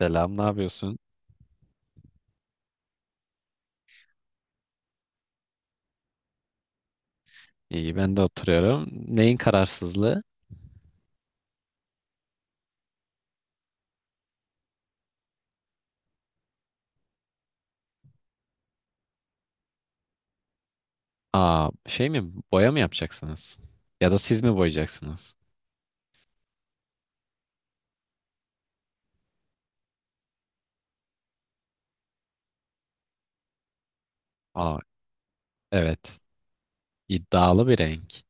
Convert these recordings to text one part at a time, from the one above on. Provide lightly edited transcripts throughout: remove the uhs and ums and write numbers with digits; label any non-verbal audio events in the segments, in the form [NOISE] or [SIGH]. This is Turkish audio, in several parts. Selam, ne yapıyorsun? İyi, ben de oturuyorum. Neyin kararsızlığı? Aa, şey mi? Boya mı yapacaksınız? Ya da siz mi boyayacaksınız? Aa, evet. İddialı bir renk.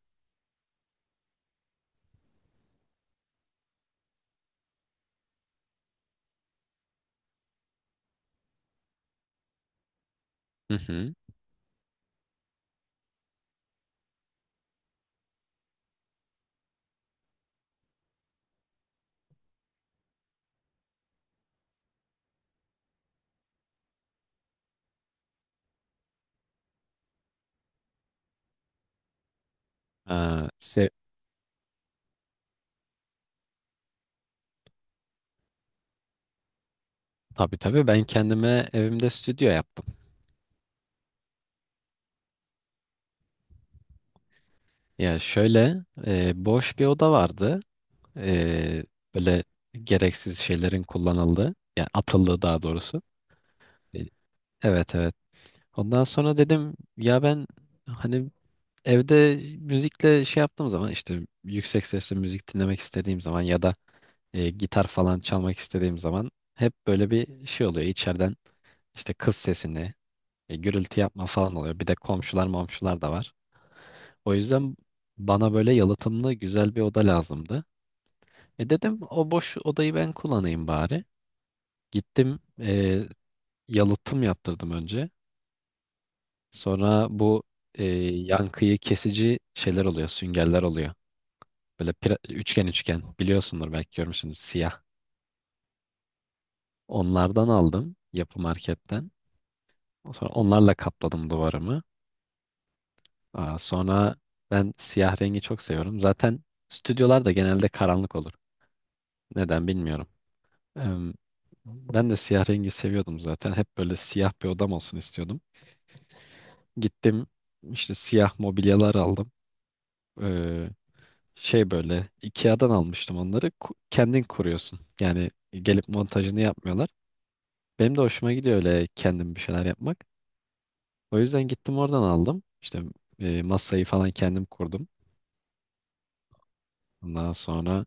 Hı hı. Aa, tabii tabii ben kendime evimde stüdyo yaptım. Ya şöyle boş bir oda vardı. E, böyle gereksiz şeylerin kullanıldığı, yani atıldığı daha doğrusu. E, Evet, evet. Ondan sonra dedim ya ben hani evde müzikle şey yaptığım zaman işte yüksek sesle müzik dinlemek istediğim zaman ya da gitar falan çalmak istediğim zaman hep böyle bir şey oluyor. İçeriden işte kız sesini, gürültü yapma falan oluyor. Bir de komşular momşular da var. O yüzden bana böyle yalıtımlı güzel bir oda lazımdı. Dedim o boş odayı ben kullanayım bari. Gittim yalıtım yaptırdım önce. Sonra bu yankıyı kesici şeyler oluyor, süngerler oluyor. Böyle üçgen üçgen biliyorsundur, belki görmüşsünüz, siyah. Onlardan aldım yapı marketten. Sonra onlarla kapladım duvarımı. Aa, sonra ben siyah rengi çok seviyorum. Zaten stüdyolar da genelde karanlık olur. Neden bilmiyorum. Em, ben de siyah rengi seviyordum zaten. Hep böyle siyah bir odam olsun istiyordum. Gittim işte siyah mobilyalar aldım. Ee, Şey böyle IKEA'dan almıştım onları. Kendin kuruyorsun. Yani gelip montajını yapmıyorlar. Benim de hoşuma gidiyor öyle kendim bir şeyler yapmak. O yüzden gittim oradan aldım. İşte masayı falan kendim kurdum. Ondan sonra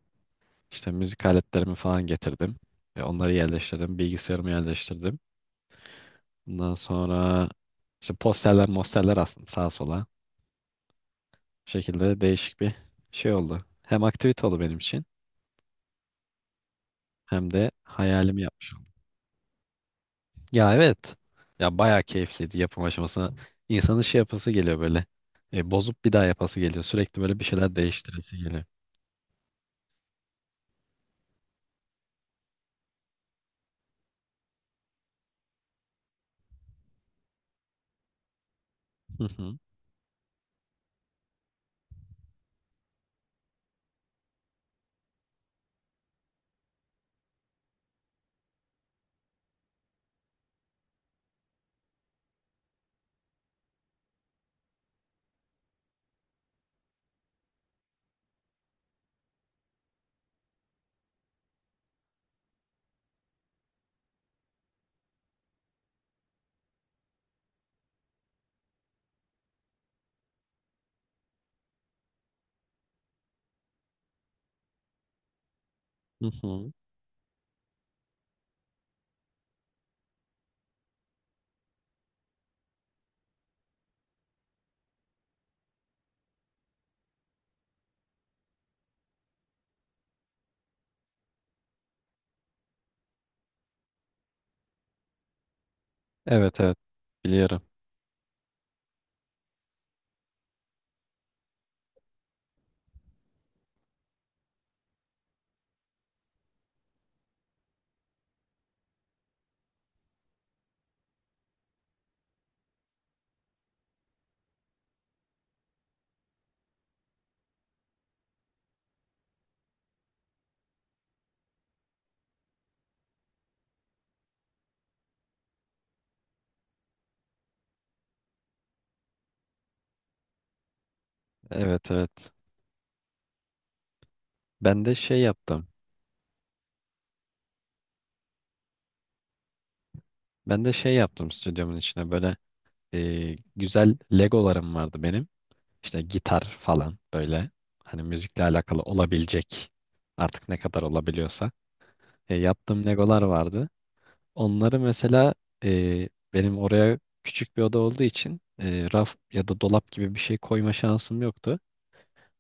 işte müzik aletlerimi falan getirdim. Onları yerleştirdim. Bilgisayarımı yerleştirdim. Ondan sonra işte posterler mosterler astım sağa sola. Bu şekilde değişik bir şey oldu. Hem aktivite oldu benim için hem de hayalimi yapmış oldum. Ya evet. Ya bayağı keyifliydi yapım aşamasına. İnsanın şey yapası geliyor böyle. Bozup bir daha yapası geliyor. Sürekli böyle bir şeyler değiştiresi geliyor. Hı hı. Hı hı. Evet, evet, biliyorum. Evet, evet. Ben de şey yaptım. Ben de şey yaptım stüdyomun içine böyle, güzel Legolarım vardı benim. İşte gitar falan, böyle hani müzikle alakalı olabilecek artık ne kadar olabiliyorsa. Yaptığım Legolar vardı. Onları mesela benim oraya küçük bir oda olduğu için raf ya da dolap gibi bir şey koyma şansım yoktu.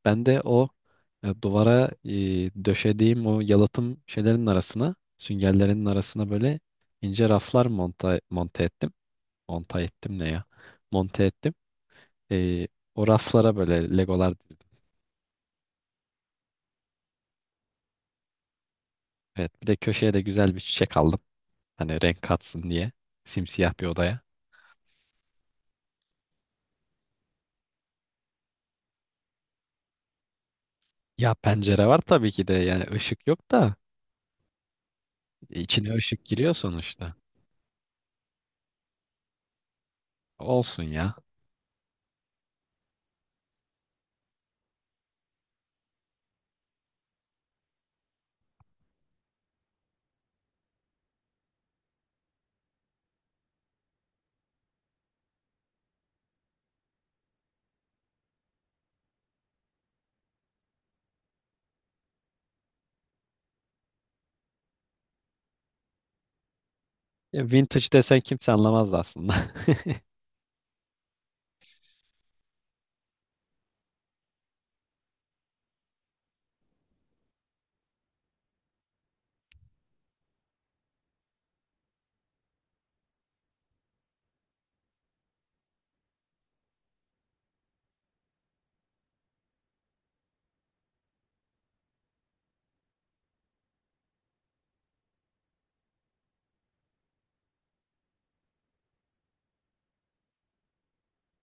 Ben de o duvara, döşediğim o yalıtım şeylerin arasına, süngerlerin arasına böyle ince raflar monte ettim. Monta ettim ne ya? Monte ettim. E, O raflara böyle legolar, evet, bir de köşeye de güzel bir çiçek aldım. Hani renk katsın diye, simsiyah bir odaya. Ya pencere var tabii ki de, yani ışık yok da içine ışık giriyor sonuçta. Olsun ya. Ya vintage desen kimse anlamaz aslında. [LAUGHS]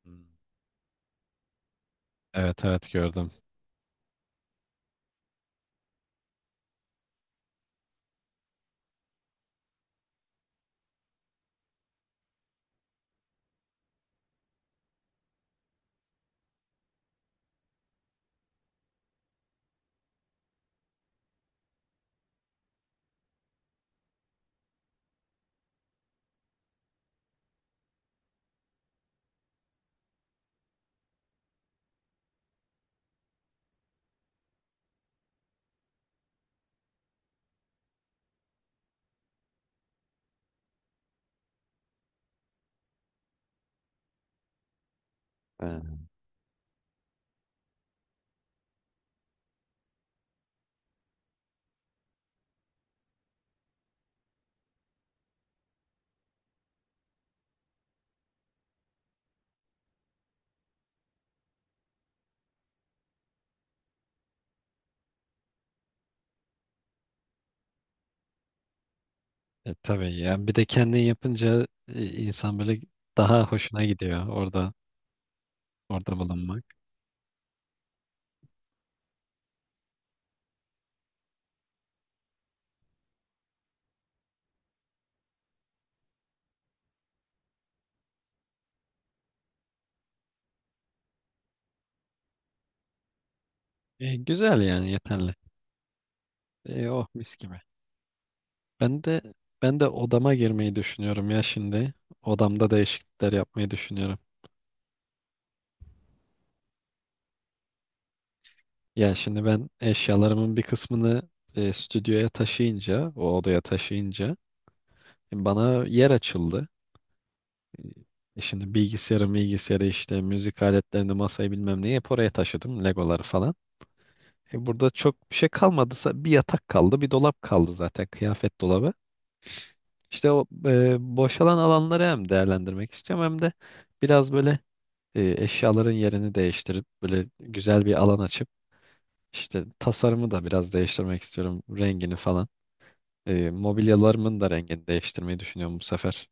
Hmm. Evet, evet, gördüm. Ee, tabii yani bir de kendin yapınca insan böyle daha hoşuna gidiyor orada bulunmak. Güzel yani yeterli. Oh, mis gibi. Ben de ben de odama girmeyi düşünüyorum ya şimdi. Odamda değişiklikler yapmayı düşünüyorum. Ya şimdi ben eşyalarımın bir kısmını stüdyoya taşıyınca, o odaya taşıyınca, bana yer açıldı. Şimdi bilgisayarı işte müzik aletlerini, masayı bilmem neyi hep oraya taşıdım. Legoları falan. Burada çok bir şey kalmadıysa bir yatak kaldı, bir dolap kaldı, zaten kıyafet dolabı. İşte o boşalan alanları hem değerlendirmek istiyorum, hem de biraz böyle eşyaların yerini değiştirip böyle güzel bir alan açıp işte tasarımı da biraz değiştirmek istiyorum, rengini falan. Mobilyalarımın da rengini değiştirmeyi düşünüyorum bu sefer.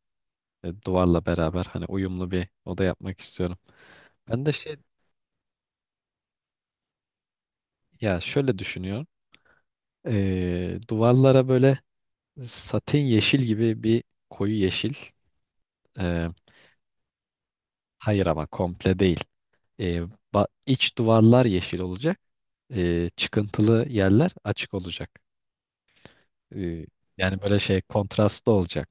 Duvarla beraber hani uyumlu bir oda yapmak istiyorum. Ben de şey Ya şöyle düşünüyorum. Duvarlara böyle satin yeşil gibi bir koyu yeşil. Ee, hayır ama komple değil. Ee, iç duvarlar yeşil olacak. Çıkıntılı yerler açık olacak. Ee, Yani böyle şey kontrastlı olacak.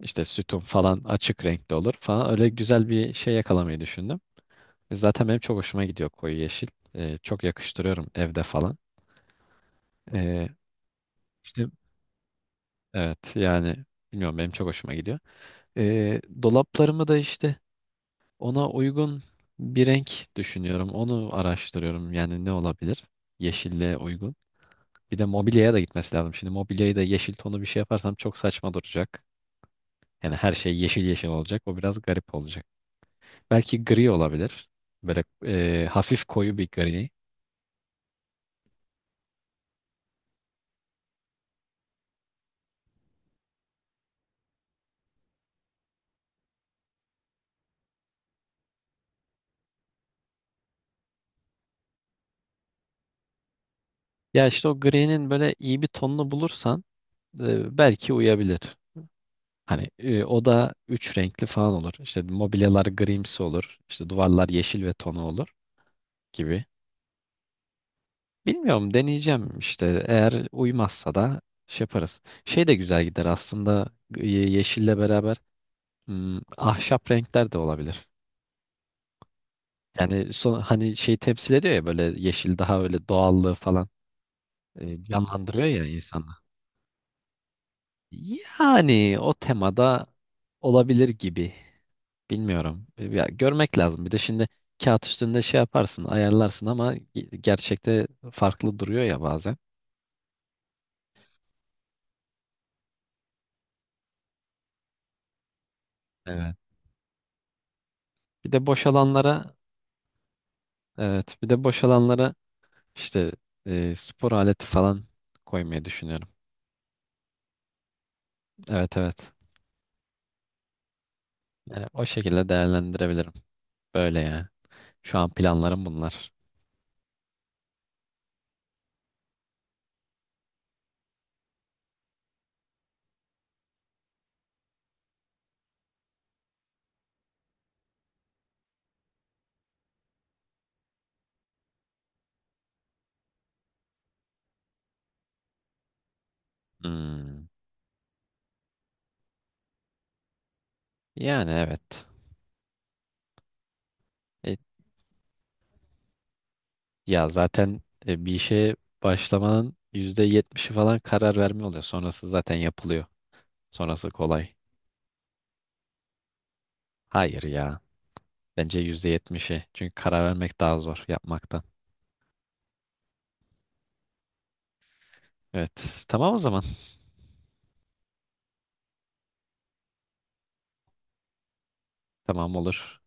İşte sütun falan açık renkli olur falan. Öyle güzel bir şey yakalamayı düşündüm. Zaten benim çok hoşuma gidiyor koyu yeşil. Çok yakıştırıyorum evde falan. Ee, işte evet, yani bilmiyorum, benim çok hoşuma gidiyor. Dolaplarımı da işte ona uygun bir renk düşünüyorum. Onu araştırıyorum. Yani ne olabilir? Yeşille uygun. Bir de mobilyaya da gitmesi lazım. Şimdi mobilyayı da yeşil tonu bir şey yaparsam çok saçma duracak. Yani her şey yeşil yeşil olacak. O biraz garip olacak. Belki gri olabilir. Böyle, hafif koyu bir gri. Ya işte o gri'nin böyle iyi bir tonunu bulursan, belki uyabilir. Hani, o da üç renkli falan olur. İşte mobilyalar grimsi olur. İşte duvarlar yeşil ve tonu olur gibi. Bilmiyorum, deneyeceğim işte. Eğer uymazsa da şey yaparız. Şey de güzel gider aslında, yeşille beraber, ahşap renkler de olabilir. Yani hani şey temsil ediyor ya, böyle yeşil daha öyle doğallığı falan canlandırıyor ya insanı. Yani o temada olabilir gibi. Bilmiyorum. Ya, görmek lazım. Bir de şimdi kağıt üstünde şey yaparsın, ayarlarsın, ama gerçekte farklı duruyor ya bazen. Evet. Bir de boş alanlara Evet, bir de boş alanlara işte spor aleti falan koymayı düşünüyorum. Evet, evet. Yani o şekilde değerlendirebilirim. Böyle yani. Şu an planlarım bunlar. Hmm. Yani evet. E, Ya zaten bir işe başlamanın %70'i falan karar verme oluyor. Sonrası zaten yapılıyor. Sonrası kolay. Hayır ya. Bence %70'i. Çünkü karar vermek daha zor yapmaktan. Evet. Tamam o zaman. Tamam olur.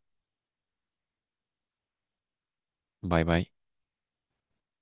Bay bay.